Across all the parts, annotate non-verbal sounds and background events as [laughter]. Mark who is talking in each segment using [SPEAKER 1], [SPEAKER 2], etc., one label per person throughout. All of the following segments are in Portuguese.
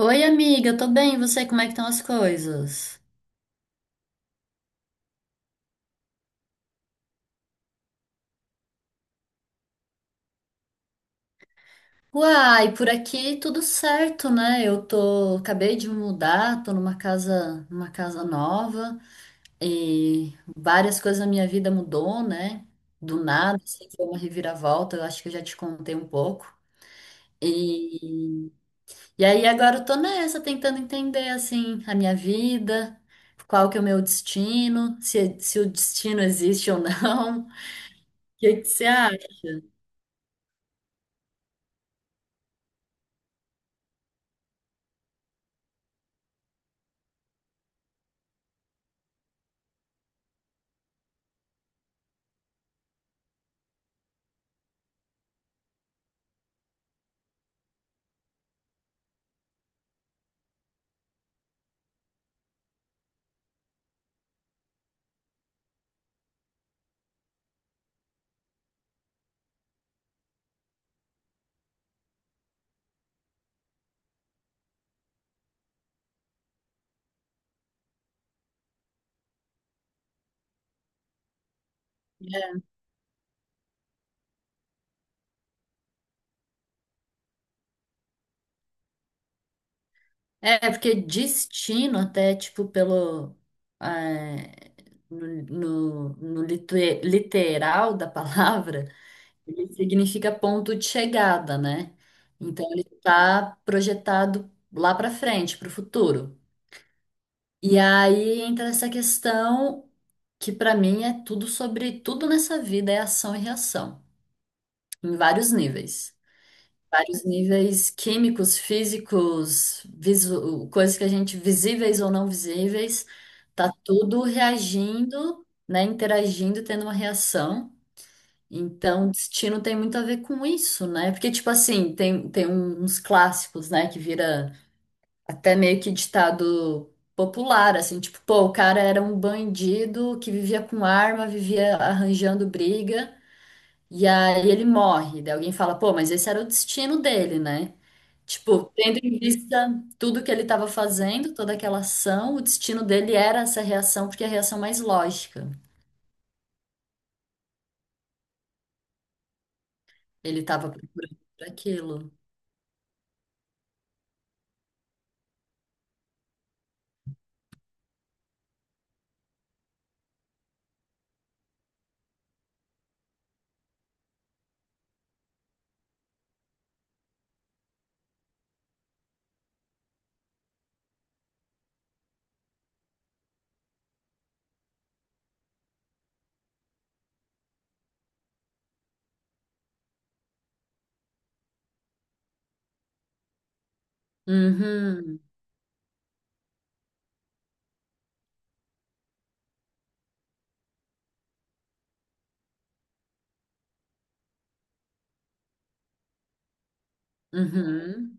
[SPEAKER 1] Oi, amiga, eu tô bem, e você, como é que estão as coisas? Uai, por aqui tudo certo, né? Acabei de mudar, tô numa casa nova e várias coisas na minha vida mudou, né? Do nada, assim, foi uma reviravolta, eu acho que eu já te contei um pouco. E, e aí agora eu tô nessa, tentando entender, assim, a minha vida, qual que é o meu destino, se o destino existe ou não. [laughs] O que que você acha? Porque destino até, tipo, pelo... é, no literal da palavra, [laughs] ele significa ponto de chegada, né? Então, ele está projetado lá para frente, para o futuro. E aí entra essa questão que, para mim, é tudo sobre... Tudo nessa vida é ação e reação, em vários níveis. Vários níveis químicos, físicos, coisas que a gente, visíveis ou não visíveis, tá tudo reagindo, né? Interagindo, tendo uma reação. Então, destino tem muito a ver com isso, né? Porque, tipo assim, tem uns clássicos, né? Que vira até meio que ditado popular, assim, tipo, pô, o cara era um bandido que vivia com arma, vivia arranjando briga, e aí ele morre. Daí alguém fala, pô, mas esse era o destino dele, né? Tipo, tendo em vista tudo que ele estava fazendo, toda aquela ação, o destino dele era essa reação, porque é a reação mais lógica. Ele estava procurando por aquilo. Uhum, uhum.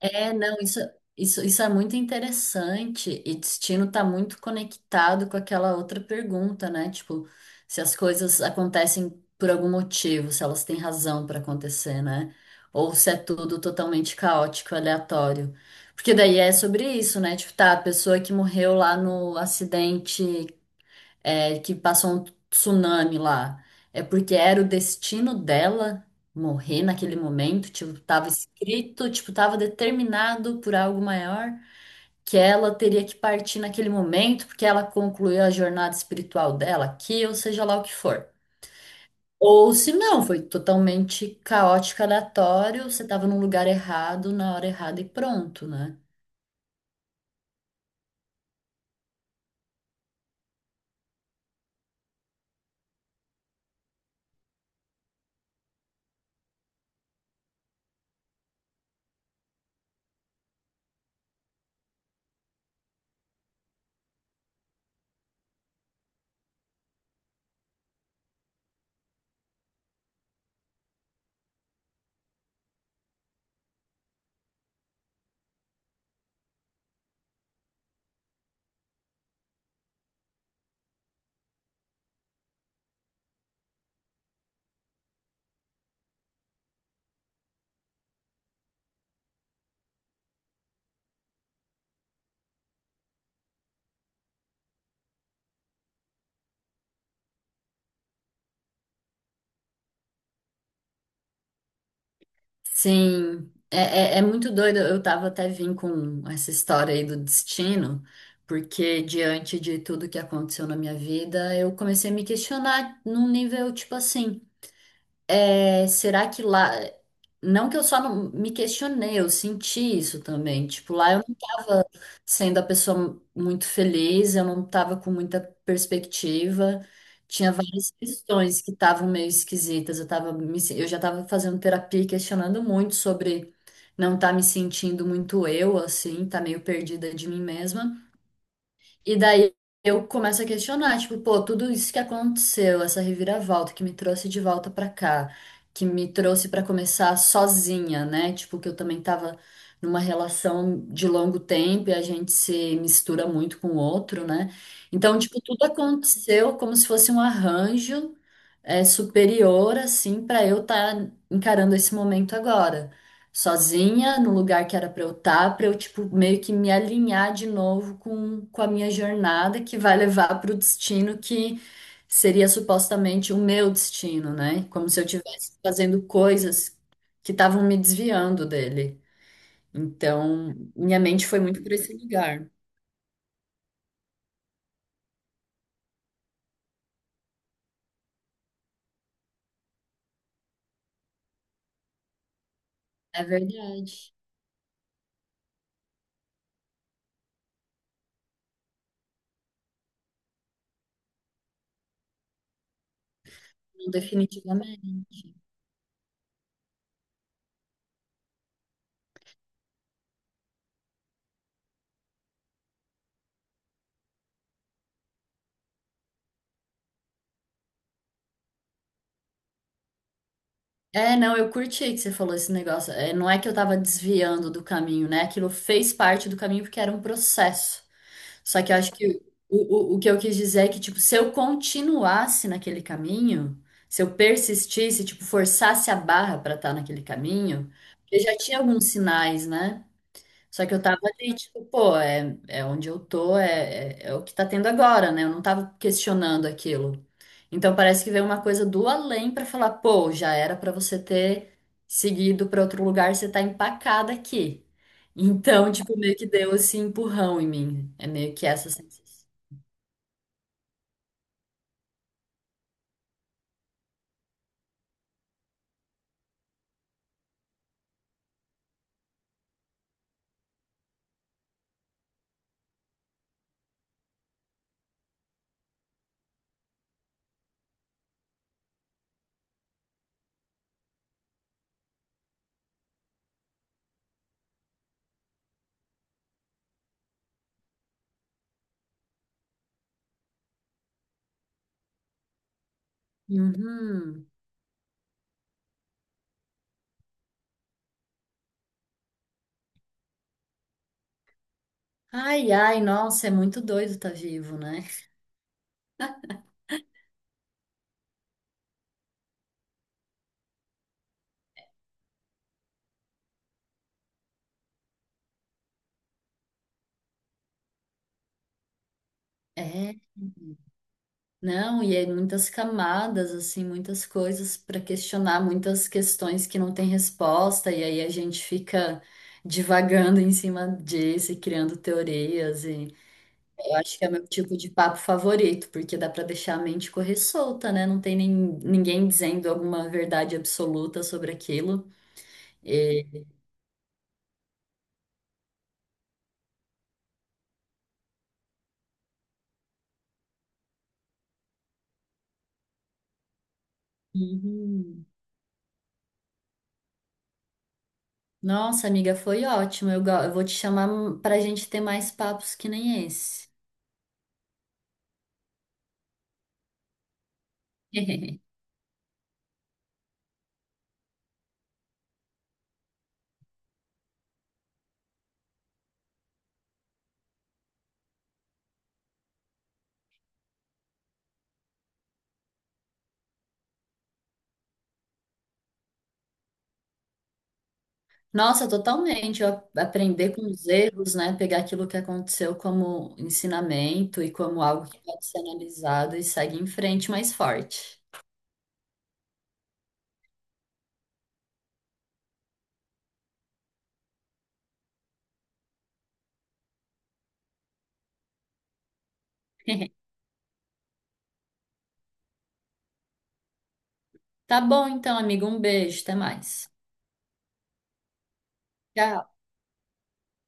[SPEAKER 1] É, não, isso é muito interessante e destino está muito conectado com aquela outra pergunta, né? Tipo, se as coisas acontecem por algum motivo, se elas têm razão para acontecer, né? Ou se é tudo totalmente caótico, aleatório. Porque daí é sobre isso, né? Tipo, tá, a pessoa que morreu lá no acidente que passou um tsunami lá. É porque era o destino dela morrer naquele momento, tipo, tava escrito, tipo, tava determinado por algo maior que ela teria que partir naquele momento, porque ela concluiu a jornada espiritual dela aqui, ou seja lá o que for. Ou se não, foi totalmente caótico, aleatório, você tava num lugar errado, na hora errada e pronto, né? Sim, é muito doido. Eu tava até vim com essa história aí do destino, porque diante de tudo que aconteceu na minha vida, eu comecei a me questionar num nível tipo assim. É, será que lá. Não que eu só não me questionei, eu senti isso também. Tipo, lá eu não tava sendo a pessoa muito feliz, eu não tava com muita perspectiva. Tinha várias questões que estavam meio esquisitas. Eu tava me se- eu já tava fazendo terapia e questionando muito sobre não estar me sentindo muito eu, assim, tá meio perdida de mim mesma. E daí eu começo a questionar, tipo, pô, tudo isso que aconteceu, essa reviravolta que me trouxe de volta pra cá, que me trouxe pra começar sozinha, né? Tipo, que eu também tava numa relação de longo tempo e a gente se mistura muito com o outro, né? Então, tipo, tudo aconteceu como se fosse um arranjo superior, assim, pra eu estar encarando esse momento agora sozinha no lugar que era pra eu estar, pra eu tipo meio que me alinhar de novo com a minha jornada que vai levar pro destino que seria supostamente o meu destino, né? Como se eu estivesse fazendo coisas que estavam me desviando dele. Então, minha mente foi muito para esse lugar. É verdade. Não, definitivamente. É, não, eu curti que você falou esse negócio. É, não é que eu tava desviando do caminho, né? Aquilo fez parte do caminho porque era um processo. Só que eu acho que o que eu quis dizer é que, tipo, se eu continuasse naquele caminho, se eu persistisse, tipo, forçasse a barra para estar naquele caminho, eu já tinha alguns sinais, né? Só que eu tava ali, tipo, pô, onde eu tô, é o que tá tendo agora, né? Eu não tava questionando aquilo. Então parece que veio uma coisa do além pra falar, pô, já era pra você ter seguido pra outro lugar, você tá empacada aqui. Então, [laughs] tipo, meio que deu esse empurrão em mim. É meio que essa sensação. Uhum. Ai, ai, nossa, é muito doido tá vivo, né? É. Não, e aí muitas camadas, assim, muitas coisas para questionar, muitas questões que não têm resposta, e aí a gente fica divagando em cima disso e criando teorias, e eu acho que é o meu tipo de papo favorito, porque dá para deixar a mente correr solta, né? Não tem nem, ninguém dizendo alguma verdade absoluta sobre aquilo. E... Uhum. Nossa, amiga, foi ótimo. Eu vou te chamar para a gente ter mais papos que nem esse. [laughs] Nossa, totalmente. Eu aprender com os erros, né? Pegar aquilo que aconteceu como ensinamento e como algo que pode ser analisado e segue em frente mais forte. [laughs] Tá bom, então, amigo. Um beijo. Até mais. Tchau.